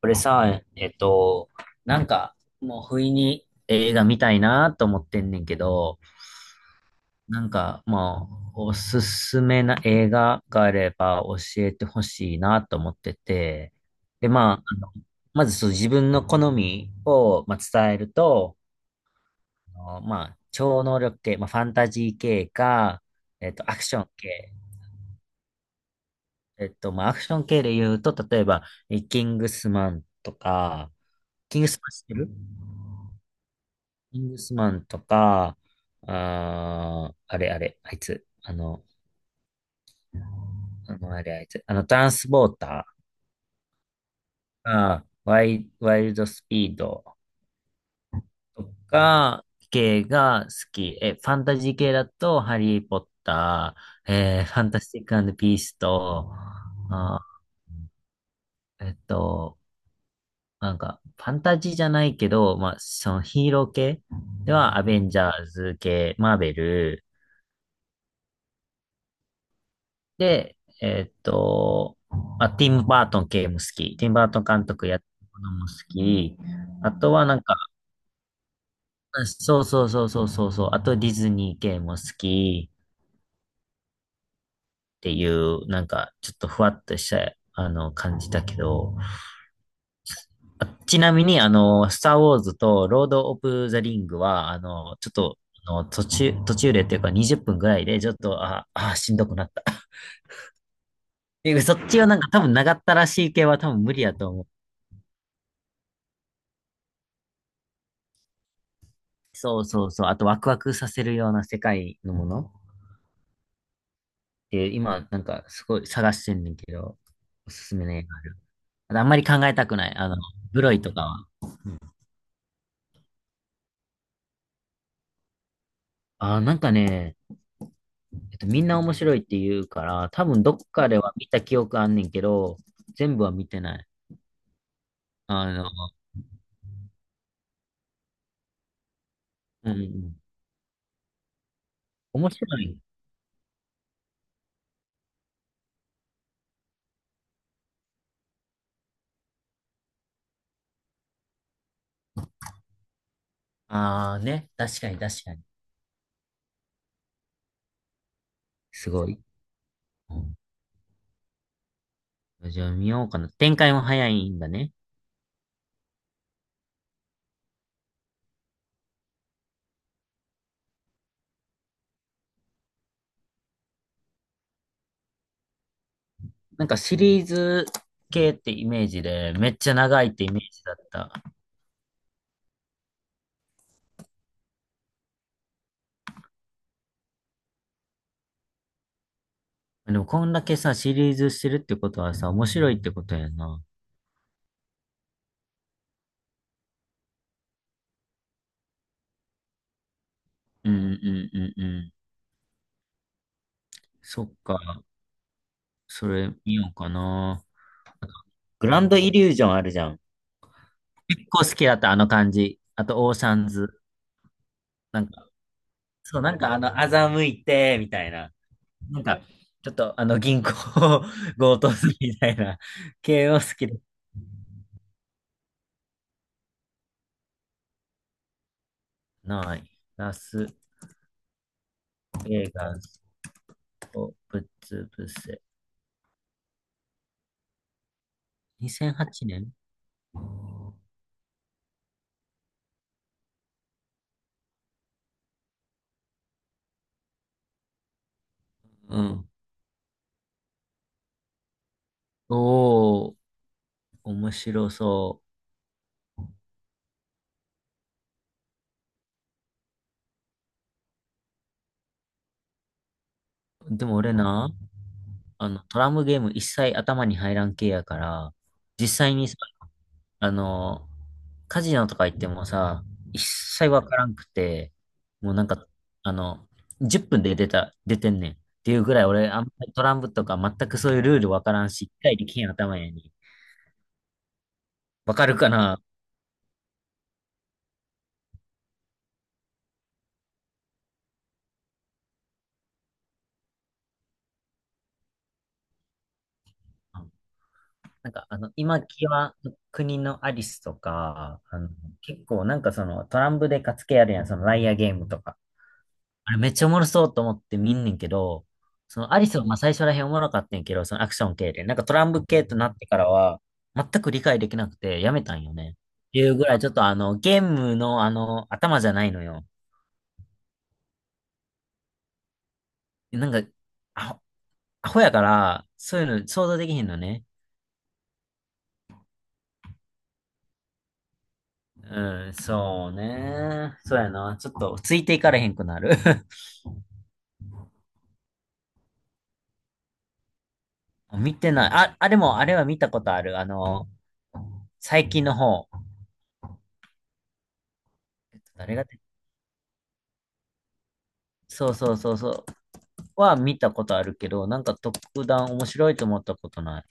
これさ、なんか、もう不意に映画見たいなと思ってんねんけど、なんか、まあ、おすすめな映画があれば教えてほしいなと思ってて、で、まあ、あの、まずそう自分の好みを、まあ、伝えると、あのまあ、超能力系、まあ、ファンタジー系か、アクション系。まあ、アクション系で言うと、例えば、キングスマンとか、キングスマン知ってる？キングスマンとか、あれ、あいつ、あの、あれあいつ、あの、トランスポーターが、ワイルドスピードとか、系が好き。ファンタジー系だと、ハリー・ポッター、ファンタスティックピースと、あー、えっと、なんか、ファンタジーじゃないけど、まあ、そのヒーロー系では、アベンジャーズ系、マーベル、で、えーっと、まあ、ティム・バートン系も好き。ティム・バートン監督やってるものも好き。あとはなんか、そうそうそうそうそうそう。あとディズニー系も好きっていう、なんか、ちょっとふわっとした、あの、感じだけど。ちなみに、あの、スター・ウォーズとロード・オブ・ザ・リングは、あの、ちょっと、あの、途中でっていうか20分ぐらいで、ちょっと、しんどくなった。っていうそっちはなんか多分長ったらしい系は多分無理やと思う。そうそうそう。あとワクワクさせるような世界のものって今なんかすごい探してんねんけど、おすすめの映画ある？あんまり考えたくない。あの、ブロイとかは。なんかね、みんな面白いって言うから、多分どっかでは見た記憶あんねんけど、全部は見てない。あの、うんうんうん。面白い。ああね、確かに確かに。すごい。うん。じゃあ見ようかな。展開も早いんだね。なんかシリーズ系ってイメージで、めっちゃ長いってイメージだった。でもこんだけさ、シリーズしてるってことはさ、面白いってことやな。うんうんうんうん。そっか、それ見ようかな。グランドイリュージョンあるじゃん。結構好きだった、あの感じ。あと、オーシャンズ。なんか、そう、なんかあの、欺いて、みたいな。なんか、ちょっとあの、銀行を 強盗するみたいな系を好きだった。ない。ラスベガスをぶつぶせ？2008年。うん。おー、面白そう。でも俺な、あの、トランプゲーム一切頭に入らん系やから、実際にさ、あの、カジノとか行ってもさ、一切わからんくて、もうなんか、あの、10分で出てんねん。っていうぐらい俺、あんまりトランプとか全くそういうルールわからんし、一回できへん頭やに。わかるかな？なんか、あの、今、キワ国のアリスとか、あの、結構なんかそのトランプで勝つ系あるやん、そのライアーゲームとか。あれめっちゃおもろそうと思って見んねんけど、そのアリスはまあ最初らへんおもろかったんやけど、そのアクション系で。なんかトランプ系となってからは、全く理解できなくてやめたんよね。っていうぐらいちょっとあの、ゲームのあの、頭じゃないのよ。なんか、アホ、アホやから、そういうの想像できへんのね。うん、そうね。そうやな。ちょっとついていかれへんくなる。見てない。あ、あれも、あれは見たことある。あの、最近の方。誰が出て、そうそうそうそう。は見たことあるけど、なんか特段面白いと思ったことない。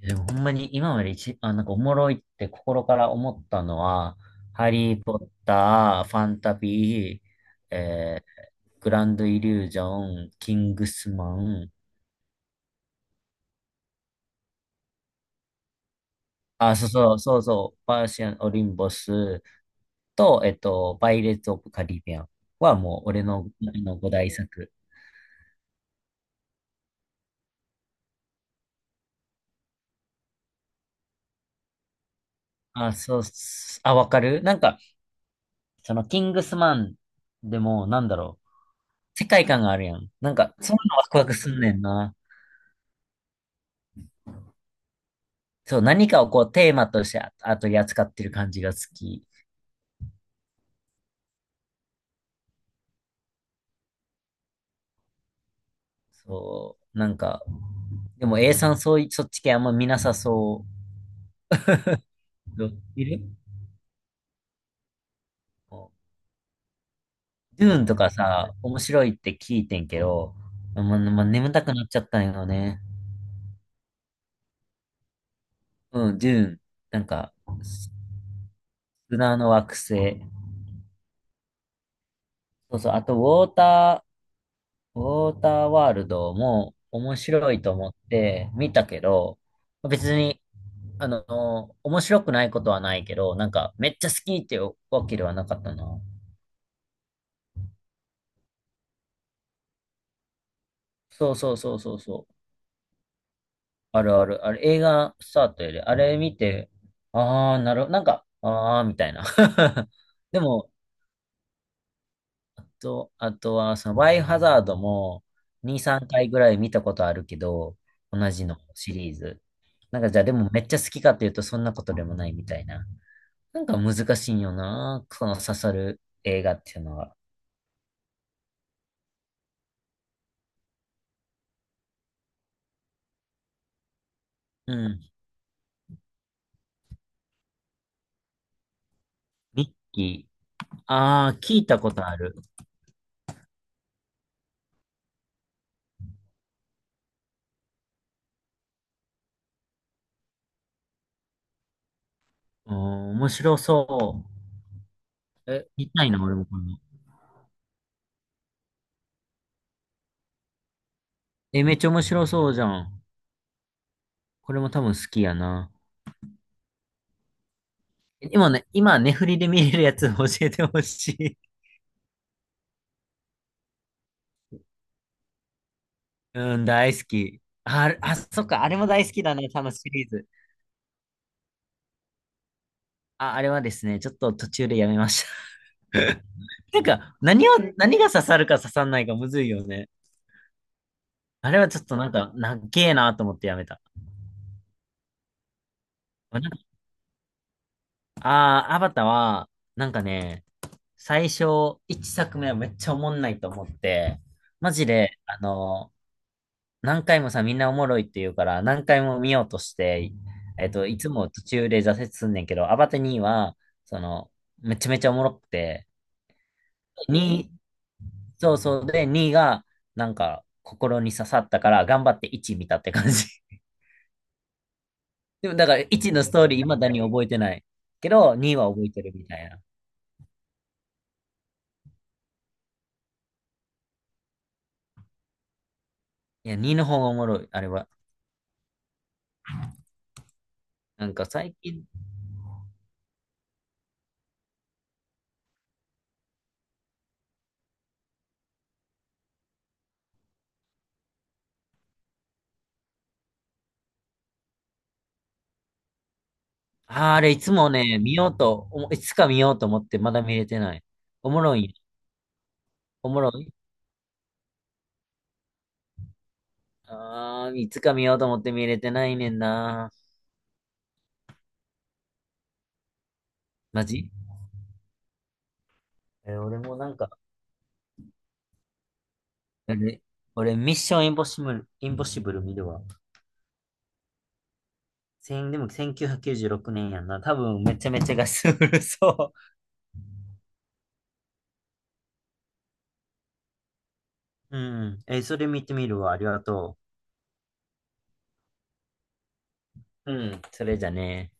でもほんまに今までなんかおもろいって心から思ったのは、ハリー・ポッター、ファンタビー、えグランド・イリュージョン、キングスマン、あ、そうそう、そうそう、パーシアン・オリンボスと、パイレーツ・オブ・カリビアンはもう俺の、あの5大作。あ、そうっす、あ、わかるなんか、そのキングスマンでも、なんだろう。世界観があるやん。なんか、そんなのワクワクすんねんな。そう、何かをこうテーマとしてああ取り扱ってる感じが好き。そう、なんか、でも A さんそうい、そっち系あんま見なさそう。どいるドゥーンとかさ、面白いって聞いてんけど、眠たくなっちゃったんよね。うん、ドゥーン。なんか、砂の惑星。そうそう、あと、ォータウォーターワールドも面白いと思って見たけど、別にあの、面白くないことはないけど、なんか、めっちゃ好きってわけではなかったな。そうそうそうそうそう。あるある。あれ、映画スタートやで、あれ見て、ああ、なるなんか、ああ、みたいな。でも、あとは、その、バイオハザードも、2、3回ぐらい見たことあるけど、同じのシリーズ。なんか、じゃあ、でもめっちゃ好きかっていうと、そんなことでもないみたいな。なんか難しいんよな、その刺さる映画っていうのは。うん。ミッキー。ああ、聞いたことある。うん、面白そう。見たいな、俺もこの。え、めっちゃ面白そうじゃん。これも多分好きやな。今ね、ネフリで見れるやつ教えてほしい。うん、大好き。あ、あれあそっか、あれも大好きだね、多分シリーズ。あ、あれはですね、ちょっと途中でやめました。なんか、何が刺さるか刺さんないかむずいよね。あれはちょっとなんか、なっけえなと思ってやめた。あ、なんかアバターは、なんかね、最初、1作目はめっちゃおもんないと思って、マジで、あの、何回もさ、みんなおもろいって言うから、何回も見ようとして、いつも途中で挫折すんねんけど、アバター2は、その、めちゃめちゃおもろくて、2、そうそうで、2が、なんか、心に刺さったから、頑張って1見たって感じ。でも、だから1のストーリー、未だに覚えてない。けど、2は覚えてるみたいな。いや、2の方がおもろい、あれは。なんか最近、あれ、いつもね、見ようと、おもいつか見ようと思って、まだ見れてない。おもろい。おもろい。いつか見ようと思って見れてないねんな。マジ俺もなんか、あれ俺、ミッションインポッシブル、インポッシブル見るわ。千でも1996年やんな。多分、めちゃめちゃガスうるそう。うん。それ見てみるわ。ありがとう。うん、それじゃね。